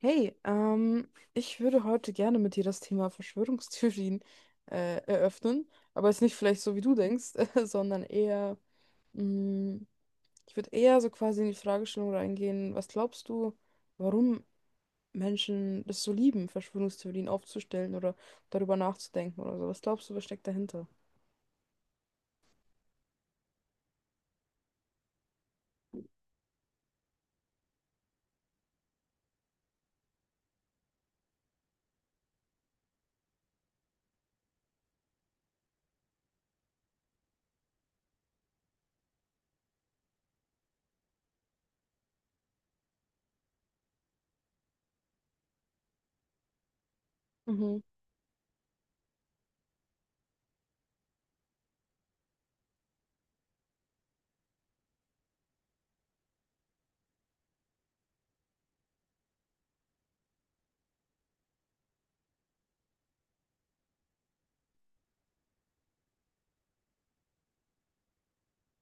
Hey, ich würde heute gerne mit dir das Thema Verschwörungstheorien eröffnen, aber jetzt nicht vielleicht so, wie du denkst, sondern eher, mh, ich würde eher so quasi in die Fragestellung reingehen. Was glaubst du, warum Menschen das so lieben, Verschwörungstheorien aufzustellen oder darüber nachzudenken oder so? Was glaubst du, was steckt dahinter? Mhm.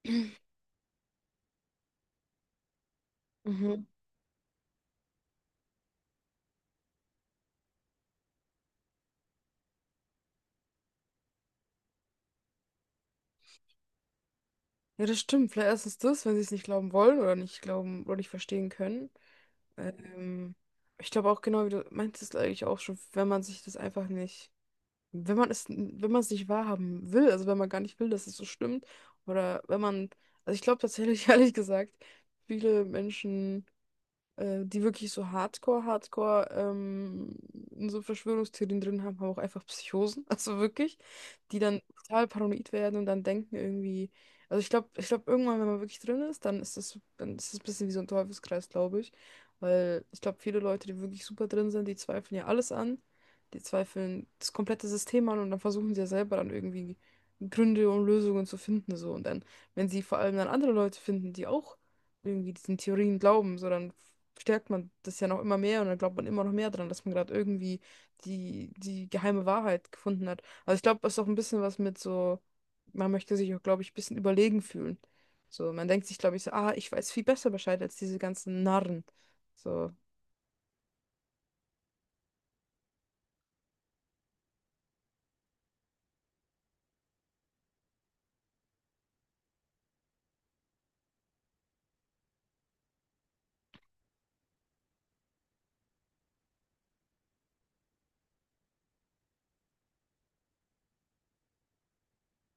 Mhm. Ja, das stimmt. Vielleicht erstens das, wenn sie es nicht glauben wollen oder nicht glauben oder nicht verstehen können. Ähm, ich glaube auch genau, wie du meintest eigentlich auch schon, wenn man sich das einfach nicht, wenn man es nicht wahrhaben will, also wenn man gar nicht will, dass es so stimmt, oder wenn man, also ich glaube tatsächlich, ehrlich gesagt, viele Menschen die wirklich so Hardcore, Hardcore in so Verschwörungstheorien drin haben, haben auch einfach Psychosen, also wirklich, die dann total paranoid werden und dann denken irgendwie, also ich glaube irgendwann, wenn man wirklich drin ist, dann ist das ein bisschen wie so ein Teufelskreis, glaube ich, weil ich glaube, viele Leute, die wirklich super drin sind, die zweifeln ja alles an, die zweifeln das komplette System an, und dann versuchen sie ja selber dann irgendwie Gründe und Lösungen zu finden, so. Und dann, wenn sie vor allem dann andere Leute finden, die auch irgendwie diesen Theorien glauben, so, dann stärkt man das ja noch immer mehr und dann glaubt man immer noch mehr dran, dass man gerade irgendwie die geheime Wahrheit gefunden hat. Also ich glaube, es ist auch ein bisschen was mit so, man möchte sich auch, glaube ich, ein bisschen überlegen fühlen. So, man denkt sich, glaube ich, so, ah, ich weiß viel besser Bescheid als diese ganzen Narren. So.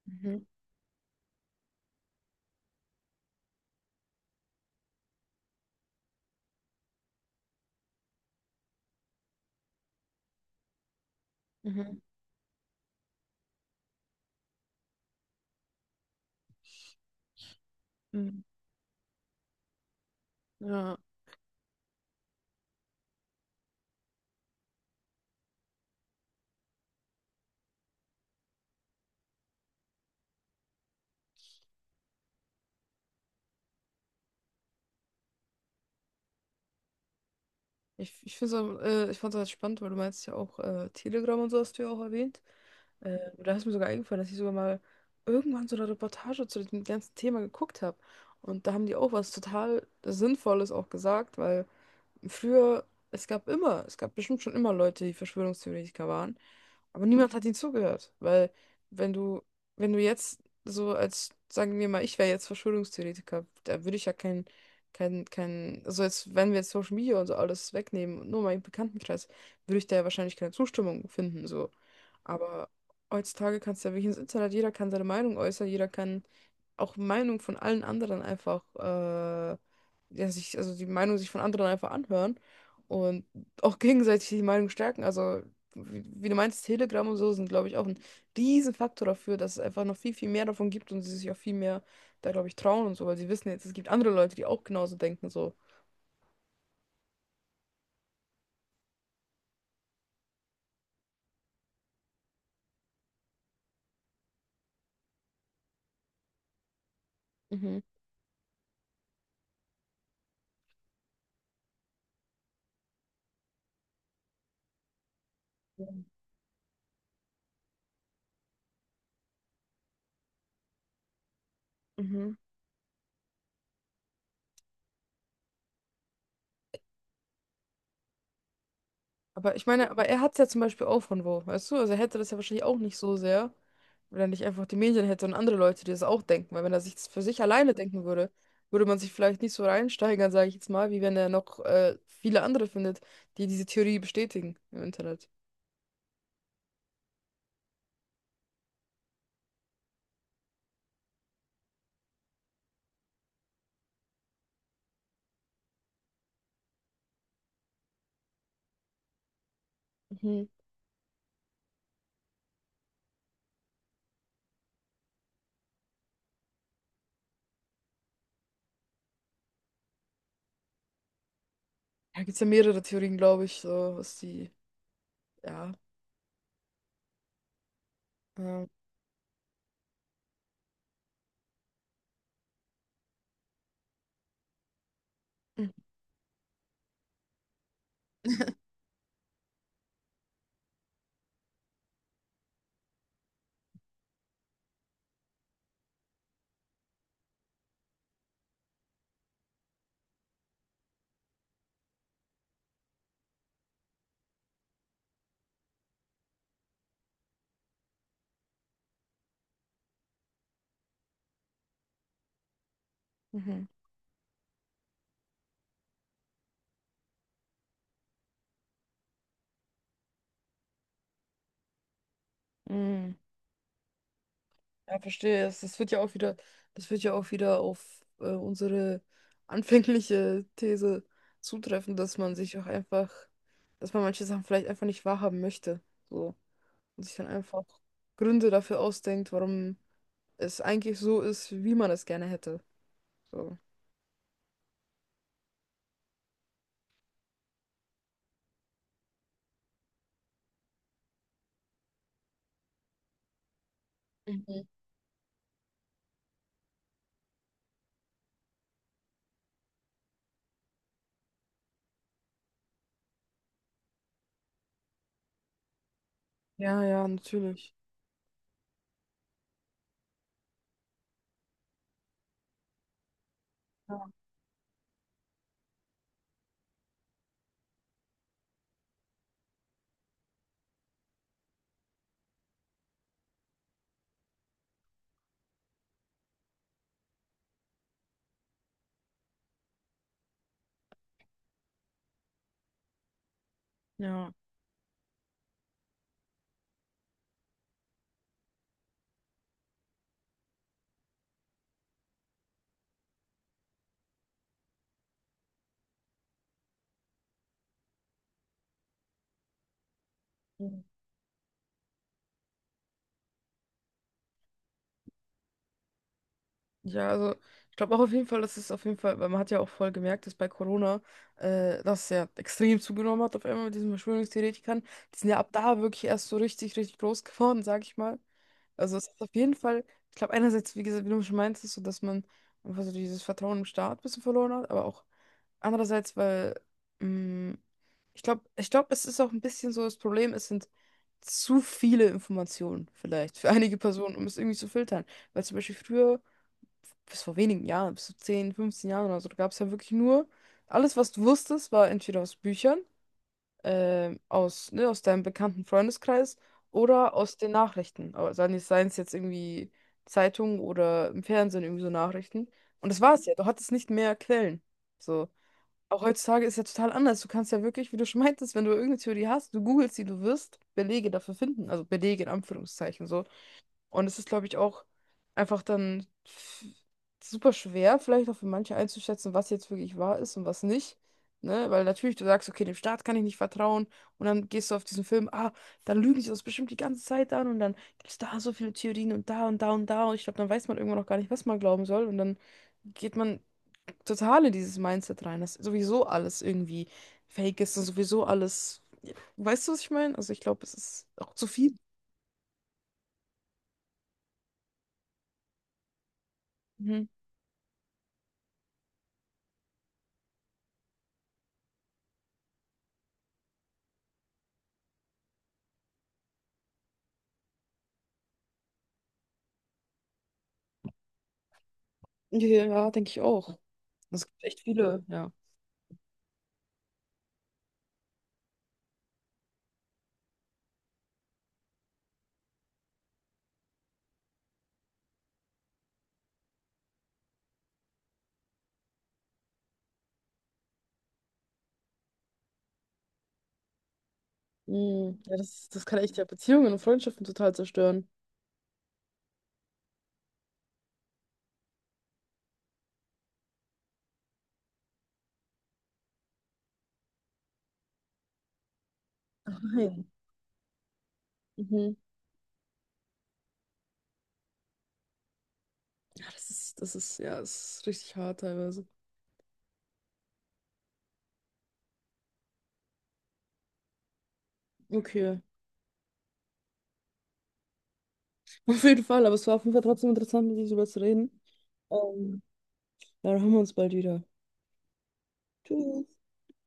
Mhm. Mhm. Mhm. Ja. Ich find's auch, ich fand es halt spannend, weil du meinst ja auch Telegram und so hast du ja auch erwähnt. Da ist mir sogar eingefallen, dass ich sogar mal irgendwann so eine Reportage zu dem ganzen Thema geguckt habe. Und da haben die auch was total Sinnvolles auch gesagt, weil früher, es gab bestimmt schon immer Leute, die Verschwörungstheoretiker waren, aber niemand hat ihnen zugehört, weil wenn du, wenn du jetzt so als, sagen wir mal, ich wäre jetzt Verschwörungstheoretiker, da würde ich ja keinen kein, kein, also jetzt, wenn wir jetzt Social Media und so alles wegnehmen und nur meinen Bekanntenkreis, würde ich da ja wahrscheinlich keine Zustimmung finden, so. Aber heutzutage kannst du ja wirklich ins Internet, jeder kann seine Meinung äußern, jeder kann auch Meinung von allen anderen einfach, ja, sich, also die Meinung sich von anderen einfach anhören und auch gegenseitig die Meinung stärken. Also, wie du meinst, Telegram und so sind, glaube ich, auch ein Riesenfaktor dafür, dass es einfach noch viel, viel mehr davon gibt und sie sich auch viel mehr da, glaube ich, trauen und so, weil sie wissen jetzt, es gibt andere Leute, die auch genauso denken, so. Mhm. Ja. Mhm. Aber ich meine, aber er hat es ja zum Beispiel auch von wo, weißt du? Also er hätte das ja wahrscheinlich auch nicht so sehr, wenn er nicht einfach die Medien hätte und andere Leute, die das auch denken. Weil wenn er sich das für sich alleine denken würde, würde man sich vielleicht nicht so reinsteigern, sage ich jetzt mal, wie wenn er noch viele andere findet, die diese Theorie bestätigen im Internet. Mhm. Da gibt es ja mehrere Theorien, glaube ich, so was die, ja. Ähm. Mhm. Mhm. Ja, verstehe. Das wird ja auch wieder, das wird ja auch wieder auf unsere anfängliche These zutreffen, dass man sich auch einfach, dass man manche Sachen vielleicht einfach nicht wahrhaben möchte. So. Und sich dann einfach Gründe dafür ausdenkt, warum es eigentlich so ist, wie man es gerne hätte. So. Mhm. Ja, ja, natürlich. Ja. Ja, also ich glaube auch auf jeden Fall, weil man hat ja auch voll gemerkt, dass bei Corona das ja extrem zugenommen hat auf einmal mit diesen Verschwörungstheoretikern. Die sind ja ab da wirklich erst so richtig, richtig groß geworden, sag ich mal. Also es ist auf jeden Fall, ich glaube einerseits, wie gesagt, wie du schon meinst, ist so, dass man einfach so dieses Vertrauen im Staat ein bisschen verloren hat, aber auch andererseits, weil mh, ich glaube, es ist auch ein bisschen so das Problem, es sind zu viele Informationen vielleicht für einige Personen, um es irgendwie zu filtern. Weil zum Beispiel früher bis vor wenigen Jahren, bis zu 10, 15 Jahren oder so, da gab es ja wirklich nur, alles, was du wusstest, war entweder aus Büchern, aus, ne, aus deinem bekannten Freundeskreis oder aus den Nachrichten. Aber seien es jetzt irgendwie Zeitungen oder im Fernsehen irgendwie so Nachrichten. Und das war es ja, du hattest nicht mehr Quellen. So. Auch heutzutage ist ja total anders. Du kannst ja wirklich, wie du schon meintest, wenn du irgendeine Theorie hast, du googelst sie, du wirst Belege dafür finden. Also Belege in Anführungszeichen so. Und es ist, glaube ich, auch einfach super schwer, vielleicht auch für manche einzuschätzen, was jetzt wirklich wahr ist und was nicht. Ne? Weil natürlich du sagst, okay, dem Staat kann ich nicht vertrauen. Und dann gehst du auf diesen Film, ah, dann lügen sie uns bestimmt die ganze Zeit an. Und dann gibt es da so viele Theorien und da und da und da. Und ich glaube, dann weiß man irgendwann auch gar nicht, was man glauben soll. Und dann geht man total in dieses Mindset rein, dass sowieso alles irgendwie fake ist und sowieso alles. Weißt du, was ich meine? Also ich glaube, es ist auch zu viel. Mhm. Ja, denke ich auch. Es gibt echt viele, ja. Mm, ja, das kann echt ja Beziehungen und Freundschaften total zerstören. Nein. Mhm. Ja, ja, das ist richtig hart teilweise. Okay. Auf jeden Fall, aber es war auf jeden Fall trotzdem interessant, mit dir darüber zu reden. Ähm, dann hören wir uns bald wieder. Tschüss.